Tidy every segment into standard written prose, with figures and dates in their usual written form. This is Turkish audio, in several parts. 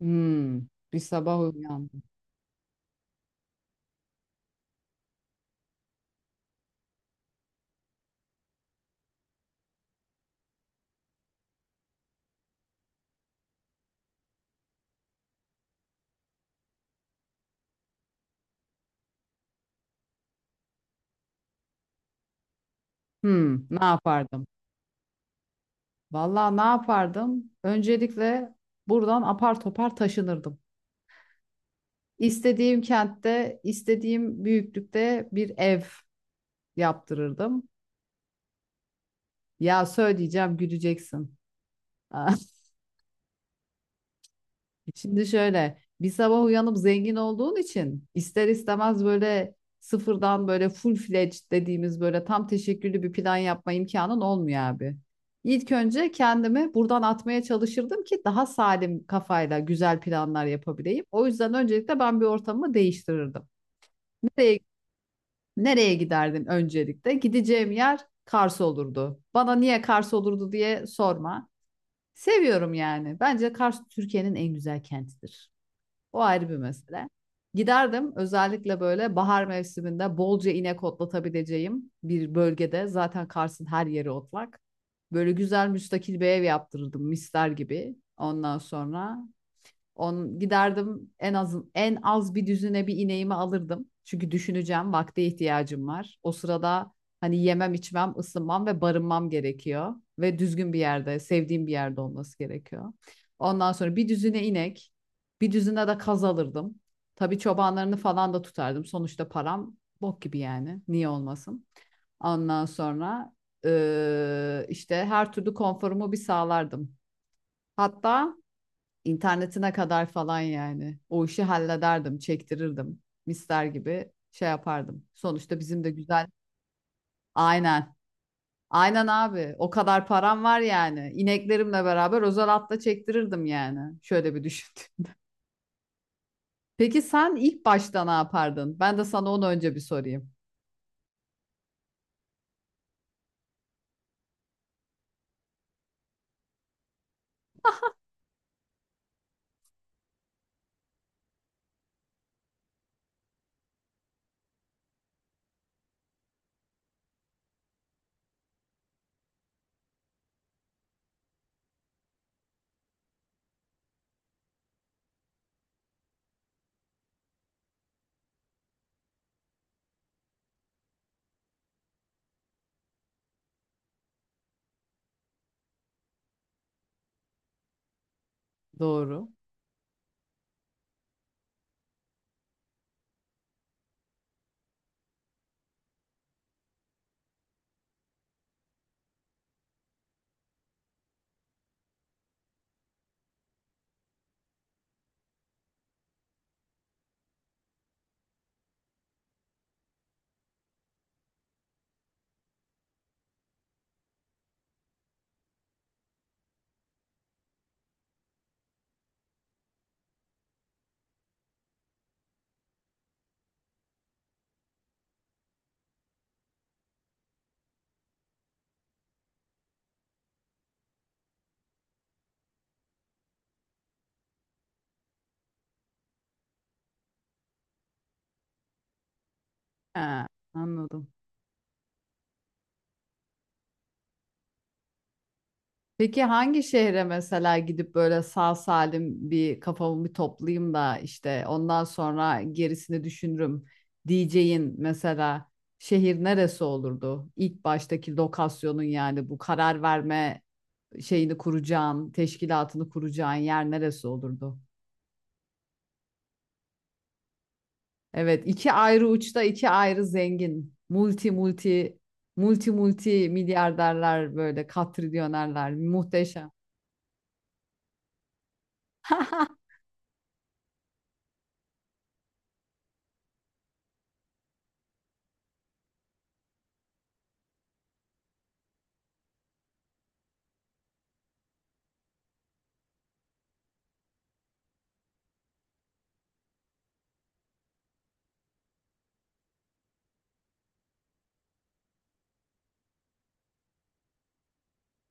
Hmm, bir sabah uyandım. Hmm, ne yapardım? Vallahi ne yapardım? Öncelikle buradan apar topar taşınırdım. İstediğim kentte, istediğim büyüklükte bir ev yaptırırdım. Ya söyleyeceğim, güleceksin. Şimdi şöyle bir sabah uyanıp zengin olduğun için ister istemez böyle sıfırdan böyle full fledged dediğimiz böyle tam teşekküllü bir plan yapma imkanın olmuyor abi. İlk önce kendimi buradan atmaya çalışırdım ki daha salim kafayla güzel planlar yapabileyim. O yüzden öncelikle ben bir ortamı değiştirirdim. Nereye, nereye giderdim öncelikle? Gideceğim yer Kars olurdu. Bana niye Kars olurdu diye sorma. Seviyorum yani. Bence Kars Türkiye'nin en güzel kentidir. O ayrı bir mesele. Giderdim özellikle böyle bahar mevsiminde bolca inek otlatabileceğim bir bölgede, zaten Kars'ın her yeri otlak. Böyle güzel müstakil bir ev yaptırırdım misler gibi. Ondan sonra giderdim, en az bir düzine bir ineğimi alırdım. Çünkü düşüneceğim, vakte ihtiyacım var. O sırada hani yemem, içmem, ısınmam ve barınmam gerekiyor ve düzgün bir yerde, sevdiğim bir yerde olması gerekiyor. Ondan sonra bir düzine inek, bir düzine de kaz alırdım. Tabii çobanlarını falan da tutardım. Sonuçta param bok gibi yani. Niye olmasın? Ondan sonra işte her türlü konforumu bir sağlardım. Hatta İnternetine kadar falan yani. O işi hallederdim, çektirirdim. Mister gibi şey yapardım. Sonuçta bizim de güzel. Aynen. Aynen abi. O kadar param var yani. İneklerimle beraber özel atla çektirirdim yani. Şöyle bir düşündüm. Peki sen ilk başta ne yapardın? Ben de sana onu önce bir sorayım. Doğru. He, anladım. Peki hangi şehre mesela gidip böyle sağ salim bir kafamı bir toplayayım da işte ondan sonra gerisini düşünürüm diyeceğin mesela şehir neresi olurdu? İlk baştaki lokasyonun yani, bu karar verme şeyini kuracağın, teşkilatını kuracağın yer neresi olurdu? Evet, iki ayrı uçta iki ayrı zengin, multi multi multi multi milyarderler böyle katrilyonerler muhteşem.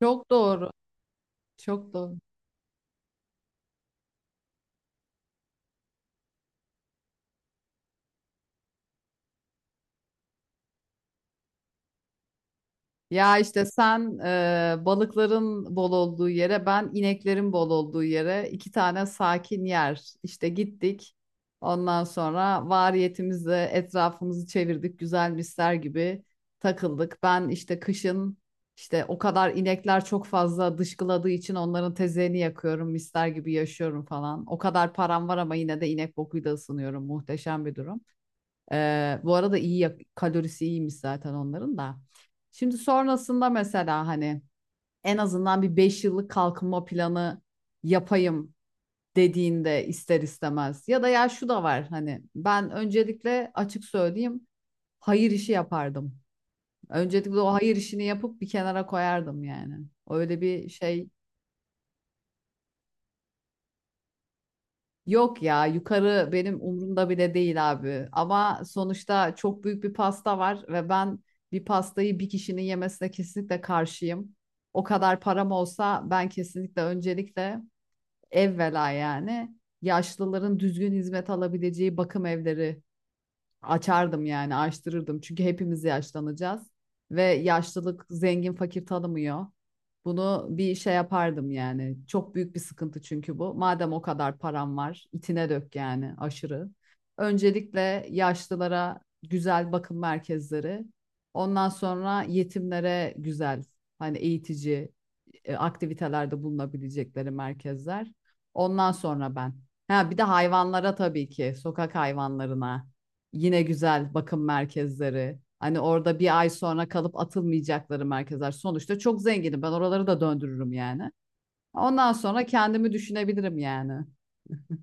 Çok doğru. Çok doğru. Ya işte sen, balıkların bol olduğu yere, ben ineklerin bol olduğu yere, iki tane sakin yer. İşte gittik. Ondan sonra variyetimizle etrafımızı çevirdik, güzel misler gibi takıldık. Ben işte kışın, işte o kadar inekler çok fazla dışkıladığı için onların tezeğini yakıyorum, misler gibi yaşıyorum falan. O kadar param var ama yine de inek bokuyla ısınıyorum. Muhteşem bir durum. Bu arada kalorisi iyiymiş zaten onların da. Şimdi sonrasında mesela hani en azından bir 5 yıllık kalkınma planı yapayım dediğinde ister istemez ya da ya şu da var, hani ben öncelikle açık söyleyeyim, hayır işi yapardım. Öncelikle o hayır işini yapıp bir kenara koyardım yani. Öyle bir şey. Yok ya, yukarı benim umurumda bile değil abi. Ama sonuçta çok büyük bir pasta var ve ben bir pastayı bir kişinin yemesine kesinlikle karşıyım. O kadar param olsa ben kesinlikle öncelikle evvela yani yaşlıların düzgün hizmet alabileceği bakım evleri açardım yani, açtırırdım. Çünkü hepimiz yaşlanacağız ve yaşlılık zengin fakir tanımıyor. Bunu bir şey yapardım yani. Çok büyük bir sıkıntı çünkü bu. Madem o kadar param var, itine dök yani aşırı. Öncelikle yaşlılara güzel bakım merkezleri, ondan sonra yetimlere güzel, hani eğitici, aktivitelerde bulunabilecekleri merkezler. Ondan sonra ben. Ha bir de hayvanlara tabii ki, sokak hayvanlarına. Yine güzel bakım merkezleri. Hani orada bir ay sonra kalıp atılmayacakları merkezler. Sonuçta çok zenginim. Ben oraları da döndürürüm yani. Ondan sonra kendimi düşünebilirim yani.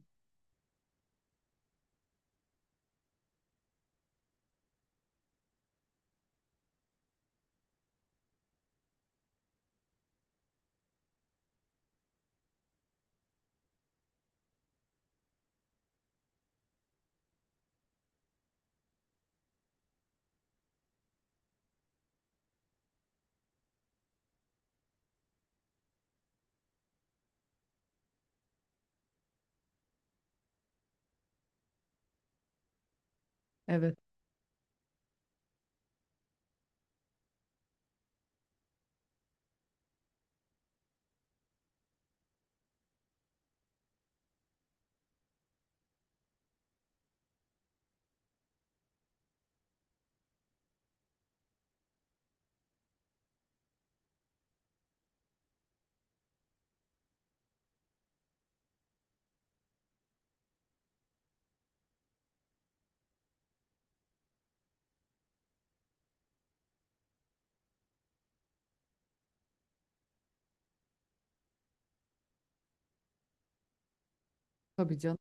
Evet, tabii canım.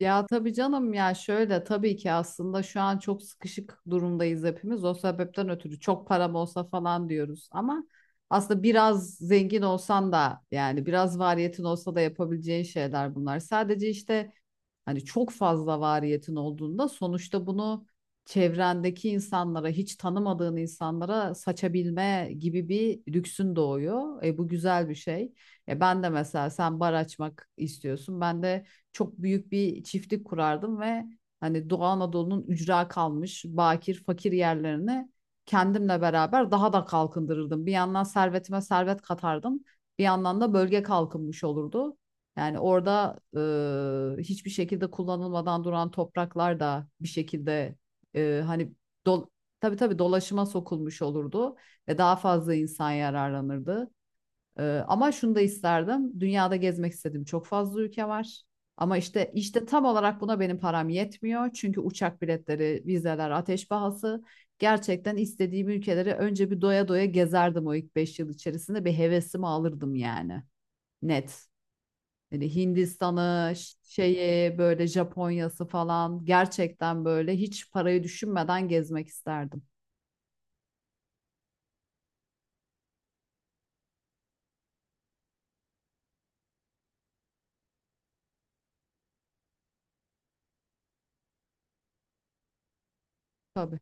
Ya tabii canım, ya şöyle, tabii ki aslında şu an çok sıkışık durumdayız hepimiz. O sebepten ötürü çok param olsa falan diyoruz ama aslında biraz zengin olsan da, yani biraz variyetin olsa da, yapabileceğin şeyler bunlar. Sadece işte, hani çok fazla variyetin olduğunda sonuçta bunu çevrendeki insanlara, hiç tanımadığın insanlara saçabilme gibi bir lüksün doğuyor. E, bu güzel bir şey. E, ben de mesela, sen bar açmak istiyorsun. Ben de çok büyük bir çiftlik kurardım ve hani Doğu Anadolu'nun ücra kalmış bakir fakir yerlerini kendimle beraber daha da kalkındırırdım. Bir yandan servetime servet katardım. Bir yandan da bölge kalkınmış olurdu. Yani orada hiçbir şekilde kullanılmadan duran topraklar da bir şekilde, hani dol tabii tabii dolaşıma sokulmuş olurdu ve daha fazla insan yararlanırdı. E, ama şunu da isterdim. Dünyada gezmek istedim. Çok fazla ülke var. Ama işte tam olarak buna benim param yetmiyor. Çünkü uçak biletleri, vizeler, ateş pahası. Gerçekten istediğim ülkeleri önce bir doya doya gezerdim o ilk 5 yıl içerisinde. Bir hevesimi alırdım yani. Net. Hani Hindistan'ı, şeyi, böyle Japonya'sı falan, gerçekten böyle hiç parayı düşünmeden gezmek isterdim. Tabii.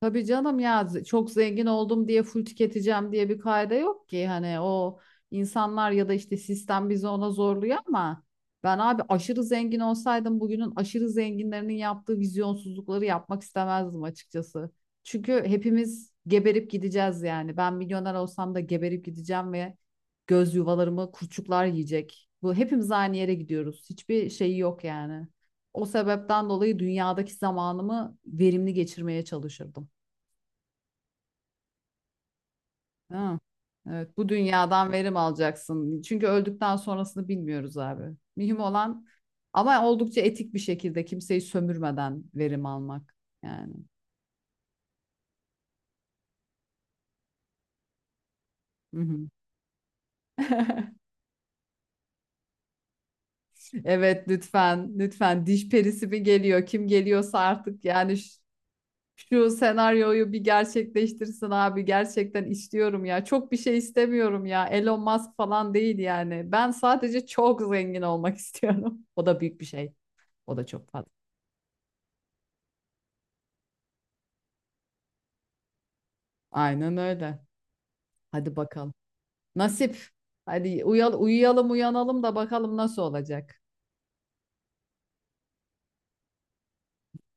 Tabii canım ya, çok zengin oldum diye full tüketeceğim diye bir kaide yok ki, hani o insanlar ya da işte sistem bizi ona zorluyor ama ben abi aşırı zengin olsaydım bugünün aşırı zenginlerinin yaptığı vizyonsuzlukları yapmak istemezdim açıkçası. Çünkü hepimiz geberip gideceğiz yani. Ben milyoner olsam da geberip gideceğim ve göz yuvalarımı kurçuklar yiyecek. Bu, hepimiz aynı yere gidiyoruz. Hiçbir şeyi yok yani. O sebepten dolayı dünyadaki zamanımı verimli geçirmeye çalışırdım. Değil mi? Evet, bu dünyadan verim alacaksın. Çünkü öldükten sonrasını bilmiyoruz abi. Mühim olan ama oldukça etik bir şekilde kimseyi sömürmeden verim almak yani. Hı hı. Evet, lütfen lütfen, diş perisi mi geliyor, kim geliyorsa artık yani, şu senaryoyu bir gerçekleştirsin abi, gerçekten istiyorum ya, çok bir şey istemiyorum ya, Elon Musk falan değil yani, ben sadece çok zengin olmak istiyorum, o da büyük bir şey, o da çok fazla. Aynen öyle. Hadi bakalım. Nasip. Hadi uyuyalım, uyanalım da bakalım nasıl olacak.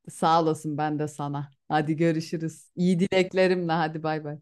Sağ olasın, ben de sana. Hadi görüşürüz. İyi dileklerimle, hadi bay bay.